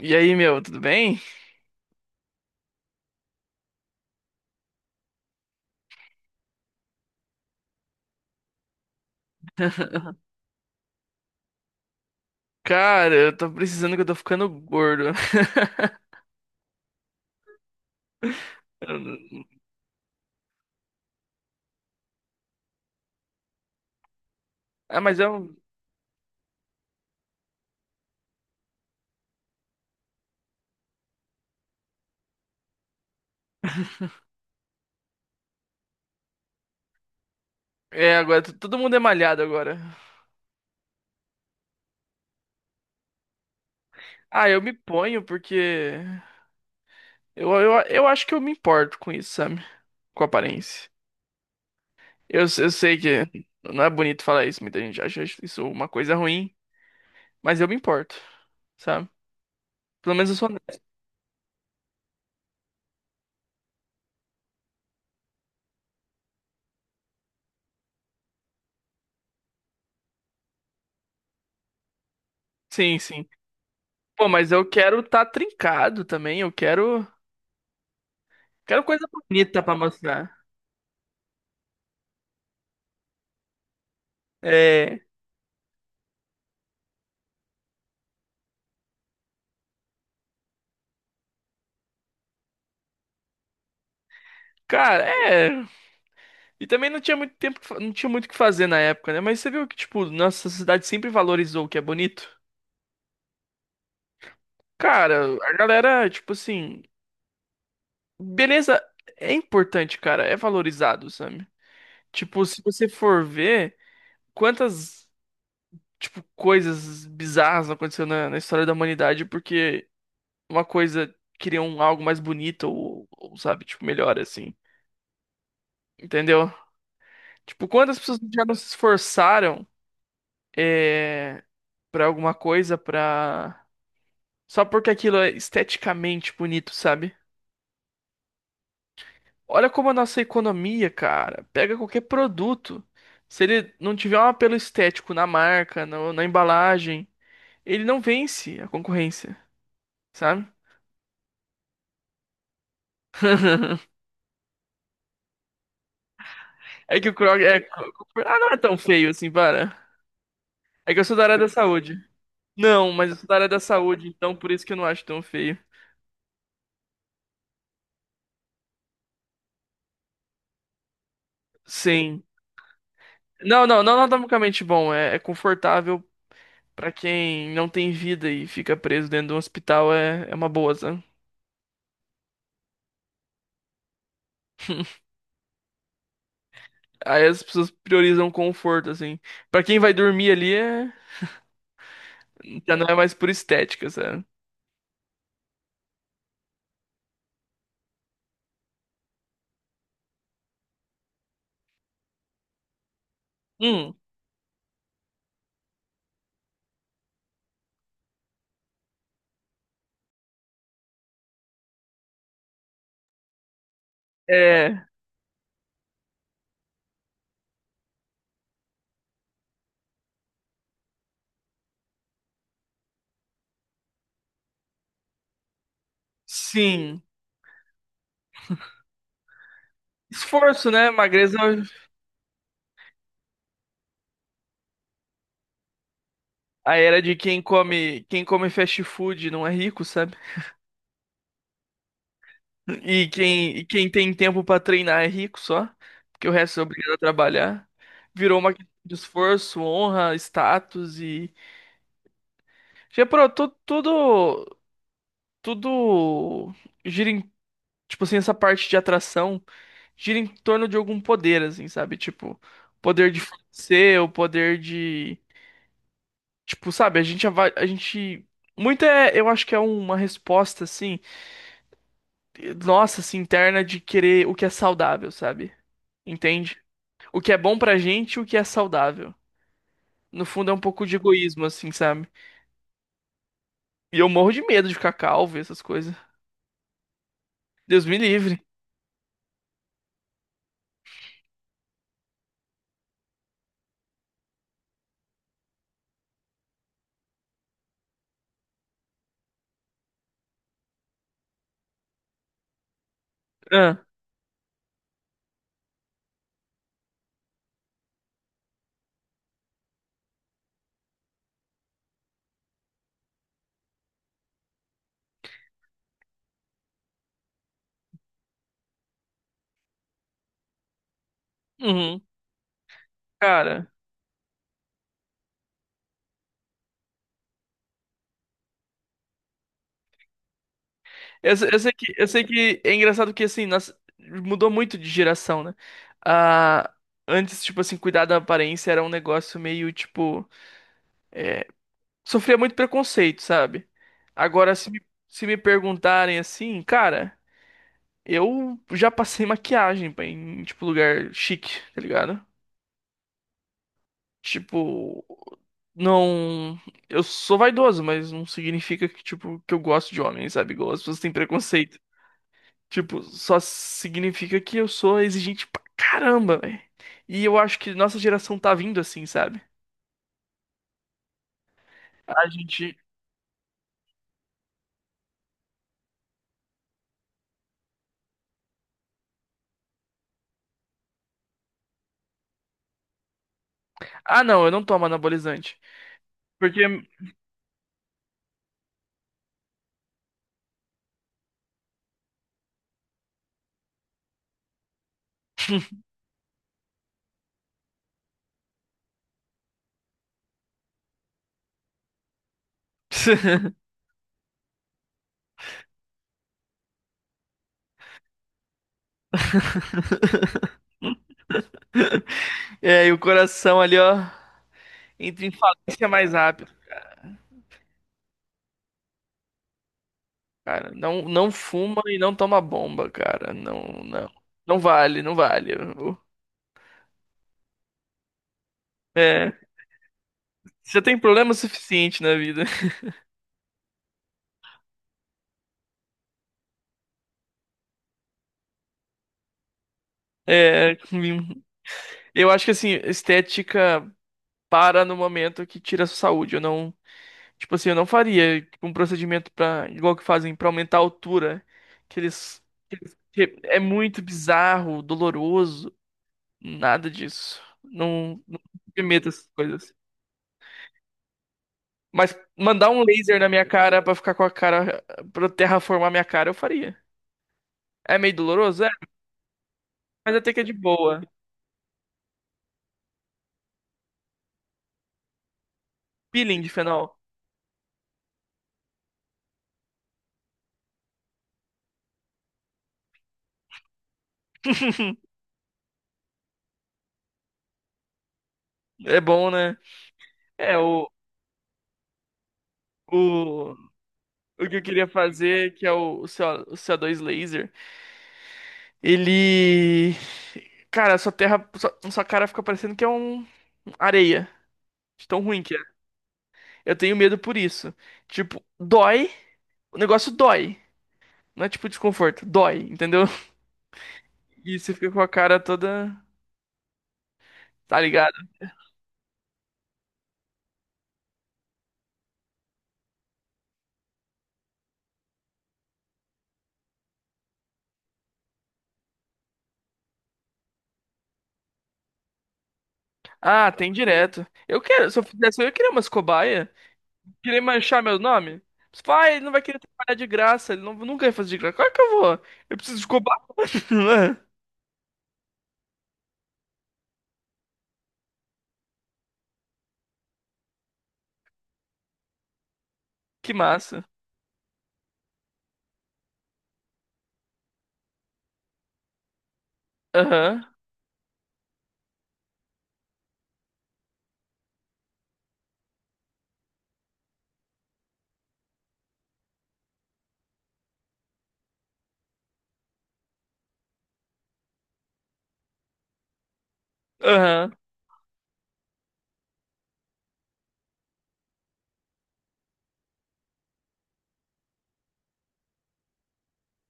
E aí, meu, tudo bem? Cara, eu tô precisando que eu tô ficando gordo. Ah, mas eu. É, agora todo mundo é malhado agora. Ah, eu me ponho porque. Eu acho que eu me importo com isso, sabe? Com a aparência. Eu sei que não é bonito falar isso, muita gente acha isso uma coisa ruim, mas eu me importo, sabe? Pelo menos eu sou honesto. Sim, sim. Pô, mas eu quero tá trincado também, eu quero. Quero coisa bonita pra mostrar. É, cara, é. E também não tinha muito tempo, não tinha muito o que fazer na época, né? Mas você viu que, tipo, nossa sociedade sempre valorizou o que é bonito? Cara, a galera, tipo assim, beleza é importante, cara, é valorizado, sabe? Tipo, se você for ver quantas, tipo, coisas bizarras aconteceram na história da humanidade porque uma coisa queria um algo mais bonito ou, sabe, tipo, melhor assim. Entendeu? Tipo, quantas pessoas já não se esforçaram? É, pra alguma coisa, pra. Só porque aquilo é esteticamente bonito, sabe? Olha como a nossa economia, cara, pega qualquer produto. Se ele não tiver um apelo estético na marca, na embalagem, ele não vence a concorrência, sabe? É que o Krog é. Ah, não é tão feio assim, para. É que eu sou da área da saúde. Não, mas eu sou da área da saúde, então por isso que eu não acho tão feio. Sim. Não, não, não anatomicamente bom. É confortável. Pra quem não tem vida e fica preso dentro de um hospital é uma boa, sabe? Aí as pessoas priorizam conforto, assim. Pra quem vai dormir ali, é. Já não é mais por estética, sabe? Hum, é. Sim. Esforço, né? Magreza, a era de quem come fast food não é rico, sabe? E quem tem tempo pra treinar é rico só, porque o resto é obrigado a trabalhar. Virou uma questão de esforço, honra, status e já pro tudo tudo gira em, tipo assim, essa parte de atração gira em torno de algum poder, assim, sabe? Tipo, poder de ser, o poder de, tipo, sabe? A gente, muito é, eu acho que é uma resposta, assim, nossa, assim, interna de querer o que é saudável, sabe? Entende? O que é bom pra gente, e o que é saudável. No fundo é um pouco de egoísmo, assim, sabe? E eu morro de medo de ficar calvo e essas coisas. Deus me livre. Ah, uhum, cara. Eu, se- eu sei que é engraçado que assim, nós, mudou muito de geração, né? Ah, antes, tipo assim, cuidar da aparência era um negócio meio, tipo, sofria muito preconceito, sabe? Agora, se me perguntarem assim, cara, eu já passei maquiagem em, tipo, lugar chique, tá ligado? Tipo, não. Eu sou vaidoso, mas não significa que, tipo, que eu gosto de homem, sabe? Igual as pessoas têm preconceito. Tipo, só significa que eu sou exigente pra caramba, velho. E eu acho que nossa geração tá vindo assim, sabe? A gente. Ah, não, eu não tomo anabolizante. Porque. É, e o coração ali, ó, entra em falência mais rápido. Cara, não, não fuma e não toma bomba, cara. Não, não. Não vale, não vale. É, você tem problema suficiente na vida. É, eu acho que assim, estética para no momento que tira a sua saúde. Eu não. Tipo assim, eu não faria tipo, um procedimento para igual que fazem pra aumentar a altura, né? que eles, que é muito bizarro, doloroso, nada disso. Não, não me essas coisas. Mas mandar um laser na minha cara pra ficar com a cara pra terraformar minha cara, eu faria. É meio doloroso, é, mas até que é de boa. Peeling de fenol. É bom, né? É o o o que eu queria fazer que é o CO2 laser. Ele. Cara, sua terra. Sua cara fica parecendo que é um areia. De tão ruim que é. Eu tenho medo por isso. Tipo, dói. O negócio dói. Não é tipo desconforto. Dói, entendeu? E você fica com a cara toda. Tá ligado? Ah, tem direto. Eu quero. Se eu fizesse, eu ia querer umas cobaia. Querer manchar meu nome. Pai, ele não vai querer trabalhar de graça. Ele não, nunca vai fazer de graça. Como é que eu vou? Eu preciso de cobaia. Que massa. Aham. Aham.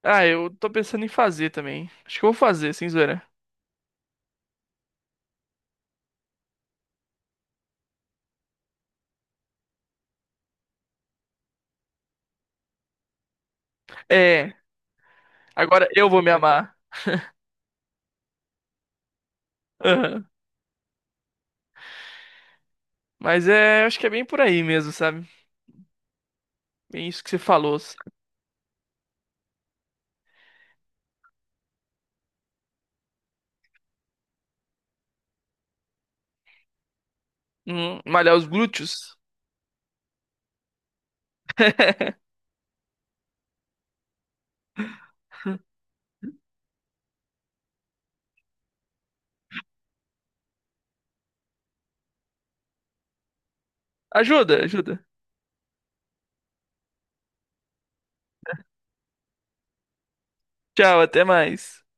Ah, eu tô pensando em fazer também. Acho que eu vou fazer, sem zoeira. É, agora eu vou me amar. Aham. Mas é, acho que é bem por aí mesmo, sabe? Bem isso que você falou, sabe? Malhar os glúteos. Ajuda, ajuda. Tchau, até mais.